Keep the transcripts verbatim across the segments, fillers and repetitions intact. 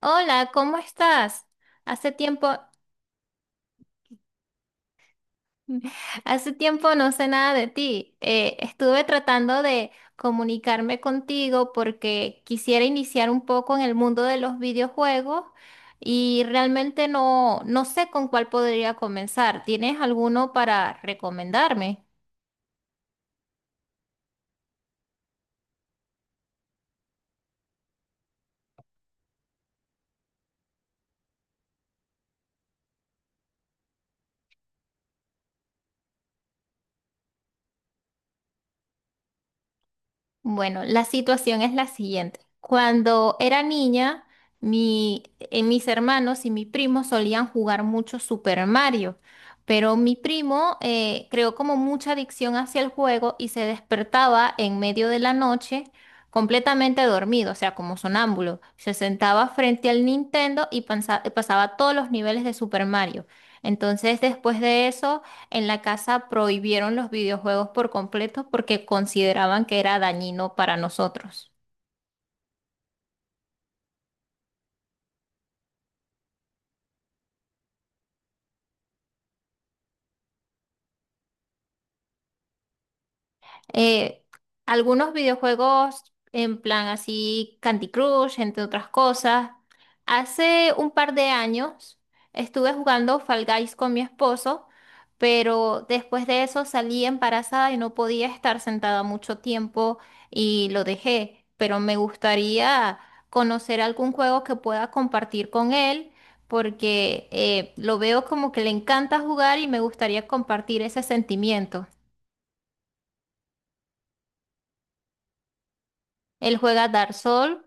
Hola, ¿cómo estás? Hace tiempo, hace tiempo no sé nada de ti. Eh, estuve tratando de comunicarme contigo porque quisiera iniciar un poco en el mundo de los videojuegos y realmente no, no sé con cuál podría comenzar. ¿Tienes alguno para recomendarme? Bueno, la situación es la siguiente. Cuando era niña, mi, eh, mis hermanos y mi primo solían jugar mucho Super Mario, pero mi primo eh, creó como mucha adicción hacia el juego y se despertaba en medio de la noche completamente dormido, o sea, como sonámbulo. Se sentaba frente al Nintendo y pansa- pasaba todos los niveles de Super Mario. Entonces, después de eso, en la casa prohibieron los videojuegos por completo porque consideraban que era dañino para nosotros. eh, Algunos videojuegos en plan así Candy Crush, entre otras cosas. Hace un par de años estuve jugando Fall Guys con mi esposo, pero después de eso salí embarazada y no podía estar sentada mucho tiempo y lo dejé. Pero me gustaría conocer algún juego que pueda compartir con él, porque eh, lo veo como que le encanta jugar y me gustaría compartir ese sentimiento. Él juega Dark Souls.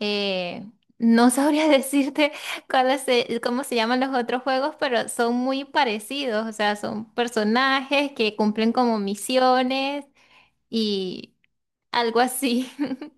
Eh, no sabría decirte cuáles se- cómo se llaman los otros juegos, pero son muy parecidos, o sea, son personajes que cumplen como misiones y algo así.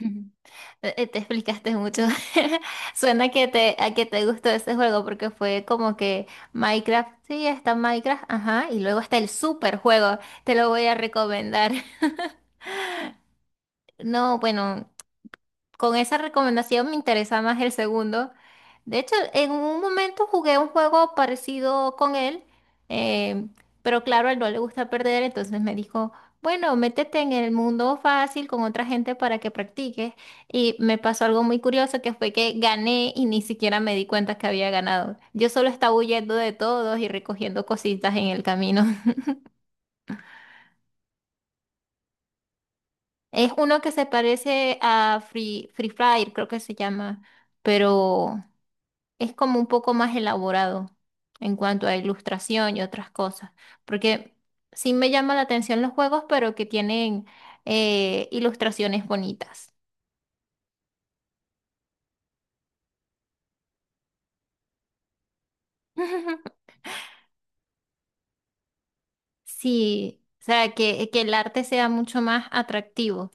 Ujú. Eh, Te explicaste mucho. Suena que te, a que te gustó ese juego porque fue como que Minecraft, sí, está Minecraft, ajá, y luego está el super juego, te lo voy a recomendar. No, bueno, con esa recomendación me interesa más el segundo. De hecho, en un momento jugué un juego parecido con él, eh, pero claro, a él no le gusta perder, entonces me dijo, bueno, métete en el mundo fácil con otra gente para que practiques. Y me pasó algo muy curioso que fue que gané y ni siquiera me di cuenta que había ganado. Yo solo estaba huyendo de todos y recogiendo cositas en el camino. Es uno que se parece a Free, Free Fire, creo que se llama, pero es como un poco más elaborado en cuanto a ilustración y otras cosas, porque sí me llama la atención los juegos, pero que tienen eh, ilustraciones bonitas. Sí, o sea, que, que el arte sea mucho más atractivo.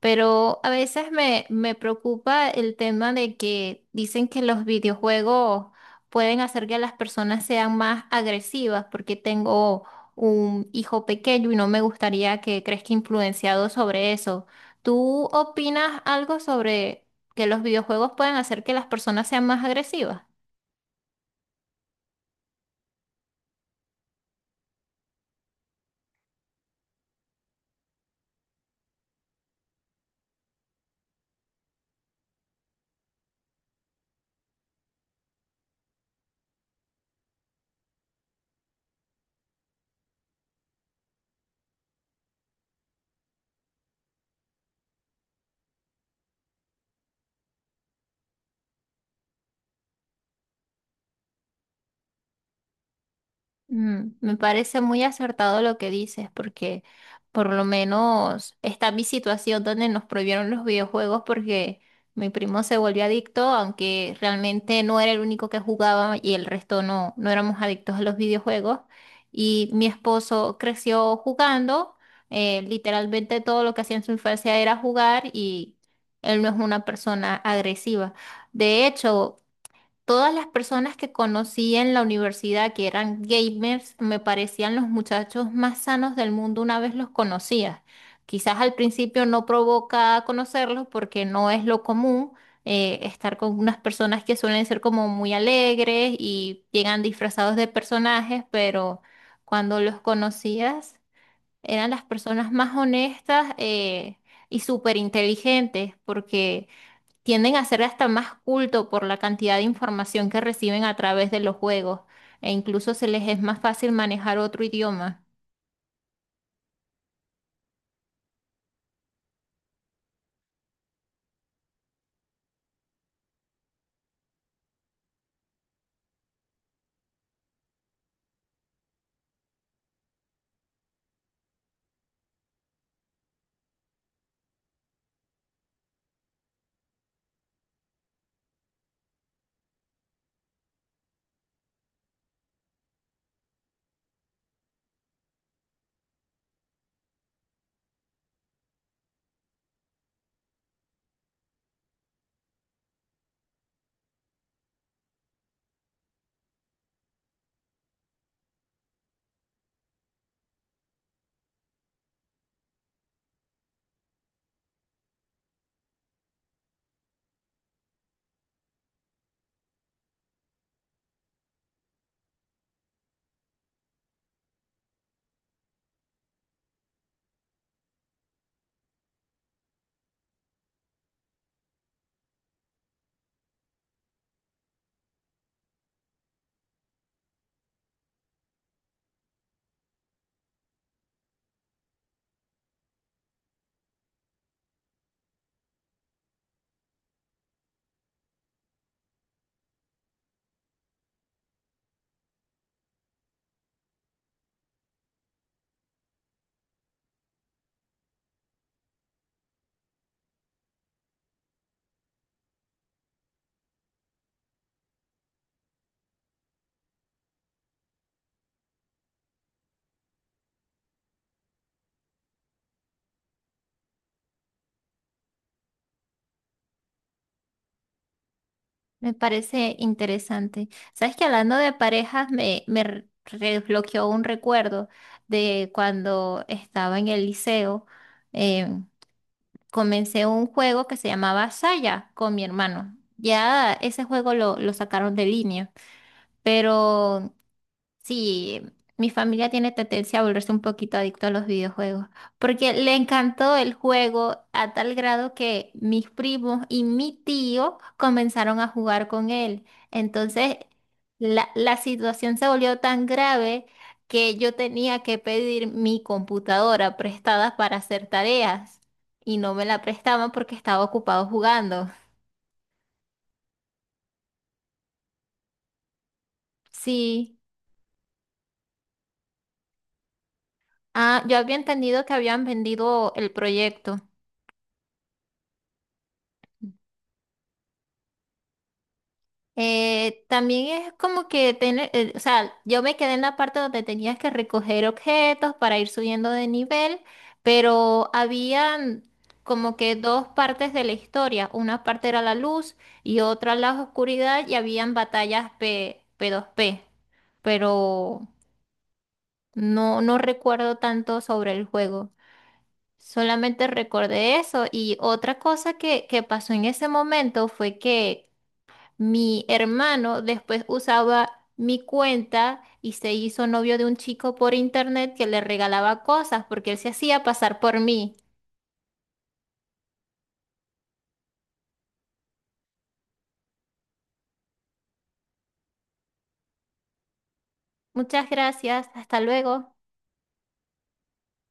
Pero a veces me, me preocupa el tema de que dicen que los videojuegos pueden hacer que las personas sean más agresivas, porque tengo un hijo pequeño y no me gustaría que crezca influenciado sobre eso. ¿Tú opinas algo sobre que los videojuegos pueden hacer que las personas sean más agresivas? Mm, me parece muy acertado lo que dices, porque por lo menos está mi situación donde nos prohibieron los videojuegos porque mi primo se volvió adicto, aunque realmente no era el único que jugaba y el resto no, no éramos adictos a los videojuegos. Y mi esposo creció jugando, eh, literalmente todo lo que hacía en su infancia era jugar y él no es una persona agresiva. De hecho, todas las personas que conocí en la universidad que eran gamers me parecían los muchachos más sanos del mundo una vez los conocía. Quizás al principio no provoca conocerlos porque no es lo común, eh, estar con unas personas que suelen ser como muy alegres y llegan disfrazados de personajes, pero cuando los conocías eran las personas más honestas, eh, y súper inteligentes porque tienden a ser hasta más culto por la cantidad de información que reciben a través de los juegos e incluso se les es más fácil manejar otro idioma. Me parece interesante. Sabes que hablando de parejas me, me re- desbloqueó un recuerdo de cuando estaba en el liceo. eh, Comencé un juego que se llamaba Saya con mi hermano. Ya ese juego lo, lo sacaron de línea, pero sí, mi familia tiene tendencia a volverse un poquito adicto a los videojuegos, porque le encantó el juego a tal grado que mis primos y mi tío comenzaron a jugar con él. Entonces, la, la situación se volvió tan grave que yo tenía que pedir mi computadora prestada para hacer tareas y no me la prestaban porque estaba ocupado jugando. Sí, ah, yo había entendido que habían vendido el proyecto. Eh, también es como que tener, eh, o sea, yo me quedé en la parte donde tenías que recoger objetos para ir subiendo de nivel, pero habían como que dos partes de la historia. Una parte era la luz y otra la oscuridad y habían batallas P, P2P, pero no, no recuerdo tanto sobre el juego. Solamente recordé eso y otra cosa que, que pasó en ese momento fue que mi hermano después usaba mi cuenta y se hizo novio de un chico por internet que le regalaba cosas porque él se hacía pasar por mí. Muchas gracias, hasta luego.